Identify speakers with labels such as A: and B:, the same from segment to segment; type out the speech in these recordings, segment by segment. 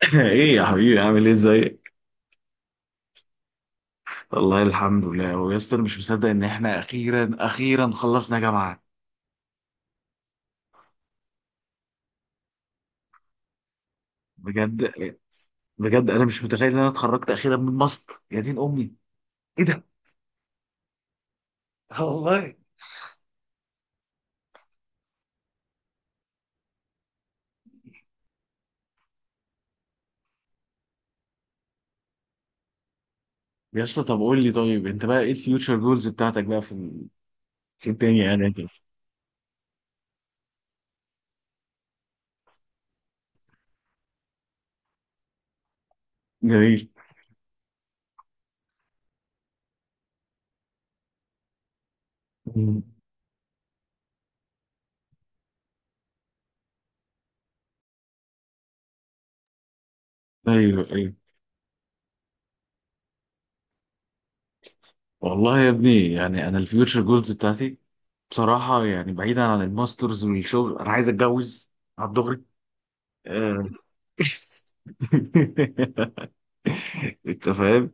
A: ايه يا حبيبي، عامل ايه؟ ازيك؟ والله الحمد لله. ويا اسطى انا مش مصدق ان احنا اخيرا اخيرا خلصنا جامعه. بجد بجد انا مش متخيل ان انا اتخرجت اخيرا من ماست يا دين امي. ايه ده؟ آه والله. يا اسطى طب قول لي، طيب انت بقى ايه الفيوتشر جولز بتاعتك بقى في الدنيا يعني كده؟ جميل. مم. ايوه ايوه. والله يا ابني يعني انا الفيوتشر جولز بتاعتي بصراحه يعني بعيدا عن الماسترز والشغل، انا عايز اتجوز على الدغري. انت فاهم.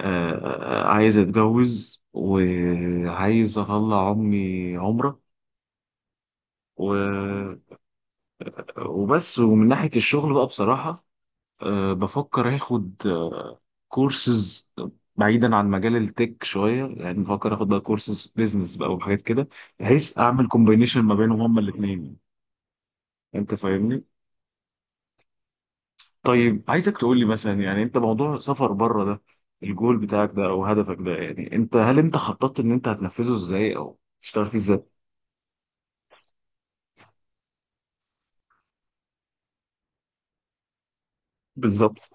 A: آه، عايز اتجوز وعايز اطلع امي عمره و... وبس. ومن ناحية الشغل بقى بصراحة، بفكر اخد كورسز بعيدا عن مجال التك شوية. يعني بفكر اخد بقى كورسز بيزنس بقى وحاجات كده، بحيث اعمل كومبينيشن ما بينهم هما الاثنين. انت فاهمني؟ طيب عايزك تقول لي مثلا، يعني انت موضوع سفر بره ده، الجول بتاعك ده او هدفك ده، يعني انت هل انت خططت ان انت هتنفذه ازاي او تشتغل فيه ازاي؟ بالظبط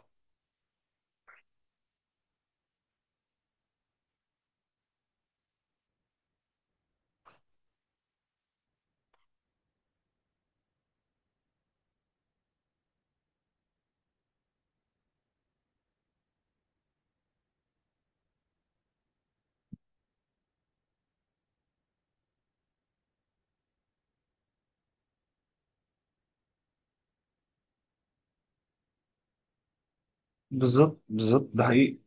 A: بالظبط بالظبط ده حقيقي.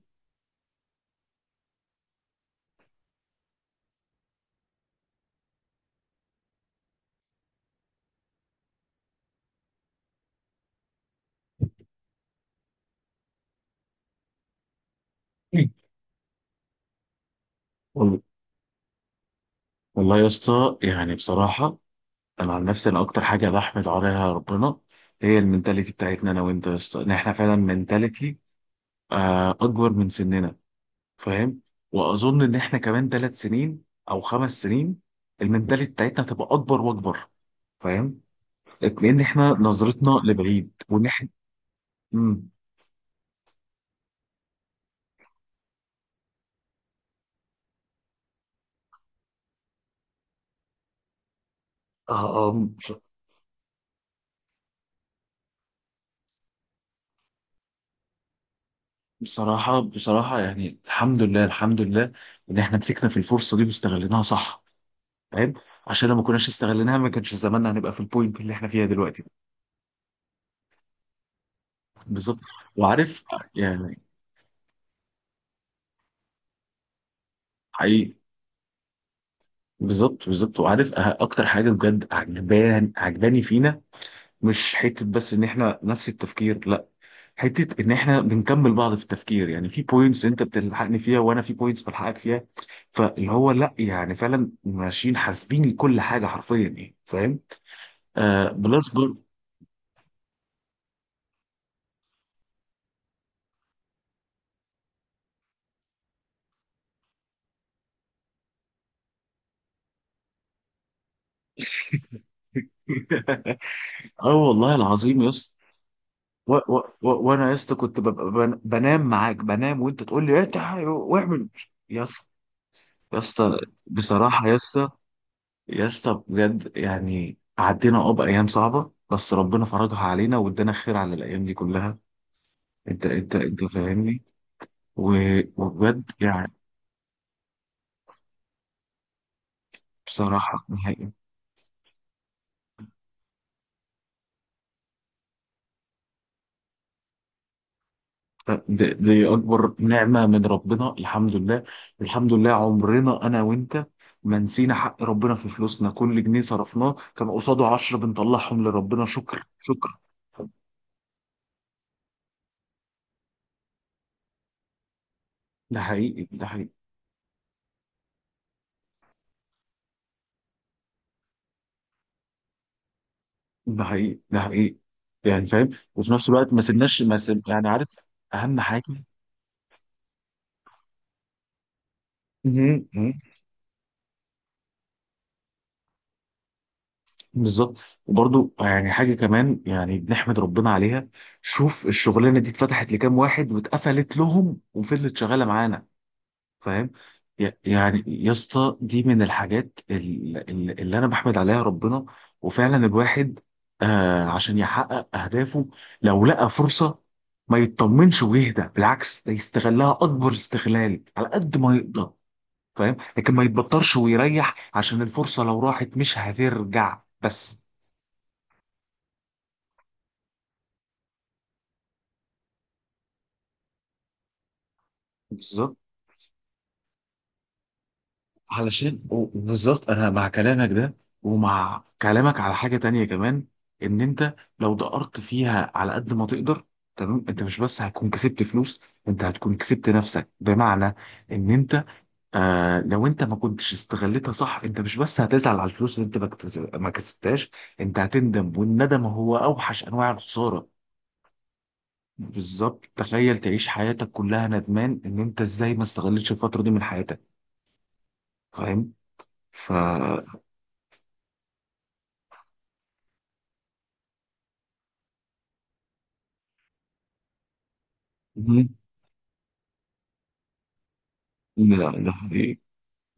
A: وال- والله يا اسطى يعني بصراحة، أنا عن نفسي أنا أكتر حاجة بحمد عليها ربنا هي المنتاليتي بتاعتنا أنا وأنت يا اسطى. إن إحنا فعلا منتاليتي أكبر من سننا. فاهم؟ وأظن إن إحنا كمان ثلاث سنين أو خمس سنين المنتاليتي بتاعتنا هتبقى أكبر وأكبر. فاهم؟ لان احنا نظرتنا لبعيد ونحن امم اه اه. بصراحه بصراحه يعني الحمد لله الحمد لله ان احنا مسكنا في الفرصه دي واستغليناها صح. فاهم؟ عشان لو ما كناش استغليناها ما كانش زماننا هنبقى في البوينت اللي احنا فيها دلوقتي. بالظبط وعارف يعني، حقيقي. بالظبط بالظبط وعارف اكتر حاجه بجد عجبان عجباني فينا، مش حته بس ان احنا نفس التفكير، لا، حته ان احنا بنكمل بعض في التفكير. يعني في بوينتس انت بتلحقني فيها وانا في بوينتس بلحقك فيها. فاللي هو لا يعني فعلا ماشيين حاسبين كل حاجه حرفيا يعني. فاهم؟ آه بلس بر. اه والله العظيم يا اسطى. وانا يا اسطى كنت ببقى بنام معاك. بنام وانت تقول لي انت واعمل يا اسطى يا اسطى. بصراحه يا اسطى، يا اسطى بجد يعني عدينا بايام صعبه، بس ربنا فرجها علينا وادانا خير على الايام دي كلها. انت فاهمني. وبجد يعني بصراحة نهائي. دي أكبر نعمة من ربنا، الحمد لله. الحمد لله عمرنا أنا وأنت ما نسينا حق ربنا في فلوسنا. كل جنيه صرفناه كان قصاده عشرة بنطلعهم لربنا، شكر شكر. ده حقيقي ده حقيقي ده حقيقي ده حقيقي يعني. فاهم؟ وفي نفس الوقت ما سيبناش ما سيب يعني. عارف؟ أهم حاجة. بالظبط. وبرضو يعني حاجة كمان يعني بنحمد ربنا عليها، شوف الشغلانة دي اتفتحت لكام واحد واتقفلت لهم وفضلت شغالة معانا. فاهم؟ يعني يا اسطى دي من الحاجات اللي انا بحمد عليها ربنا. وفعلا الواحد عشان يحقق اهدافه، لو لقى فرصة ما يطمنش ويهدى، بالعكس ده يستغلها اكبر استغلال على قد ما يقدر. فاهم؟ لكن ما يتبطرش ويريح، عشان الفرصة لو راحت مش هترجع بس. بالظبط. علشان بالظبط انا مع كلامك ده، ومع كلامك على حاجه تانية كمان، ان انت لو دقرت فيها على قد ما تقدر، تمام، انت مش بس هتكون كسبت فلوس، انت هتكون كسبت نفسك، بمعنى ان انت لو انت ما كنتش استغلتها صح، انت مش بس هتزعل على الفلوس اللي انت ما كسبتهاش. انت هتندم، والندم هو اوحش انواع الخساره. بالظبط، تخيل تعيش حياتك كلها ندمان ان انت ازاي ما استغلتش الفتره دي من حياتك. فاهم؟ ف مم. لا ده حقيقي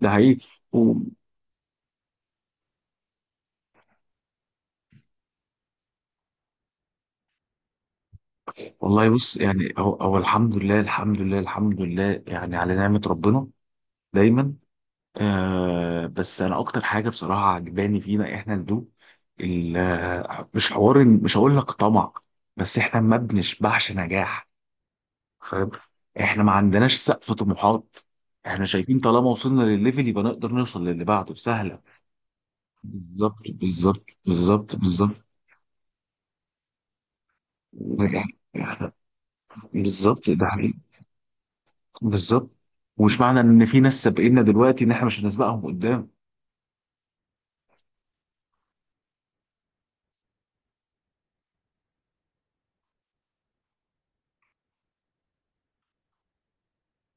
A: ده حقيقي. و- والله بص يعني، هو الحمد لله الحمد لله الحمد لله يعني على نعمة ربنا دايما. بس انا اكتر حاجة بصراحة عجباني فينا احنا الدو مش حوار مش هقول لك طمع، بس احنا ما بنشبعش نجاح. فاهم؟ احنا ما عندناش سقف طموحات. احنا شايفين طالما وصلنا للليفل يبقى نقدر نوصل للي بعده سهلة. بالظبط بالظبط بالظبط بالظبط، يعني، يعني بالظبط ده بالظبط. ومش معنى ان في ناس سابقنا دلوقتي ان احنا مش هنسبقهم قدام.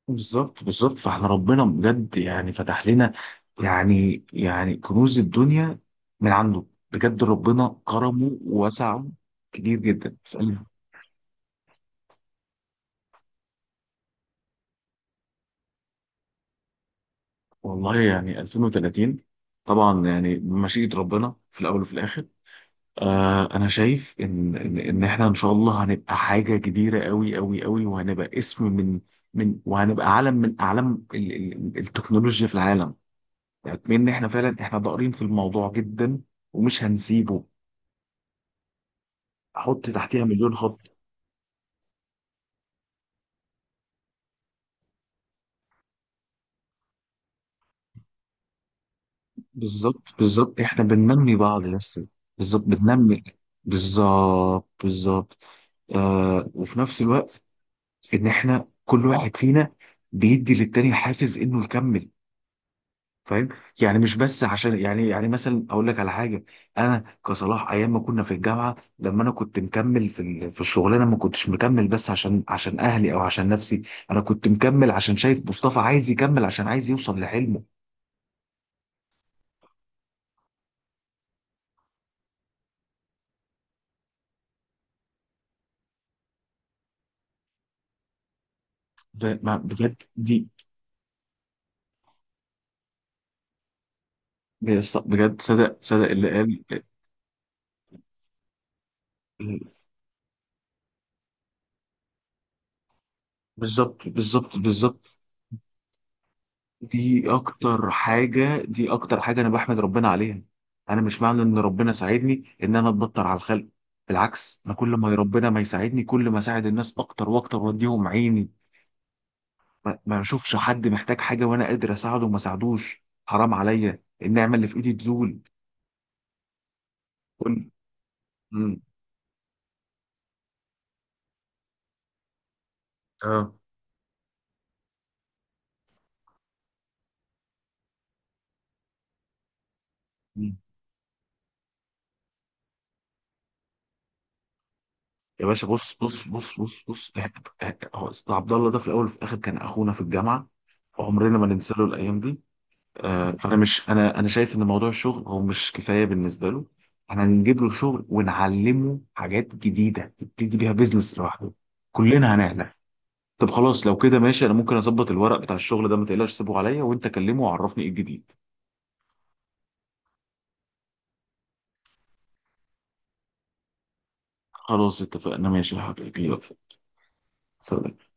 A: بالظبط بالظبط. فاحنا ربنا بجد يعني فتح لنا يعني يعني كنوز الدنيا من عنده. بجد ربنا كرمه ووسعه كبير جدا، بس أنا والله يعني 2030 طبعا يعني بمشيئة ربنا في الاول وفي الاخر. انا شايف ان ان احنا ان شاء الله هنبقى حاجه كبيره قوي قوي قوي، وهنبقى اسم من وهنبقى علم من اعلام التكنولوجيا في العالم. يعني ان احنا فعلا احنا ضارين في الموضوع جدا ومش هنسيبه. احط تحتيها مليون خط. بالظبط بالظبط احنا بننمي بعض لسه. بالظبط بننمي. بالظبط بالظبط. وفي نفس الوقت ان احنا كل واحد فينا بيدي للتاني حافز انه يكمل. فاهم؟ يعني مش بس عشان يعني مثلا اقول لك على حاجه. انا كصلاح ايام ما كنا في الجامعه، لما انا كنت مكمل في الشغلانه ما كنتش مكمل بس عشان اهلي او عشان نفسي. انا كنت مكمل عشان شايف مصطفى عايز يكمل، عشان عايز يوصل لحلمه. بجد دي بجد. صدق صدق اللي قال. بالظبط بالظبط بالظبط. دي اكتر حاجة دي اكتر حاجة انا بحمد ربنا عليها. انا مش معنى ان ربنا ساعدني ان انا اتبطر على الخلق، بالعكس انا كل ما ربنا ما يساعدني كل ما اساعد الناس اكتر واكتر واديهم عيني. ما اشوفش حد محتاج حاجة وانا قادر اساعده وما ساعدوش، حرام عليا النعمة اللي في ايدي تزول. كل مم. اه. مم. يا باشا بص بص بص بص بص هو عبد الله ده في الاول وفي الاخر كان اخونا في الجامعة. عمرنا ما ننسى له الايام دي. فانا مش انا شايف ان موضوع الشغل هو مش كفايه بالنسبه له. احنا هنجيب له شغل ونعلمه حاجات جديده يبتدي بيها بيزنس لوحده. كلنا هنعلم. طب خلاص لو كده ماشي، انا ممكن اظبط الورق بتاع الشغل ده، ما تقلقش سيبه عليا، وانت كلمه وعرفني ايه الجديد. خلاص اتفقنا، ماشي يا حبيبي، يلا. سلام.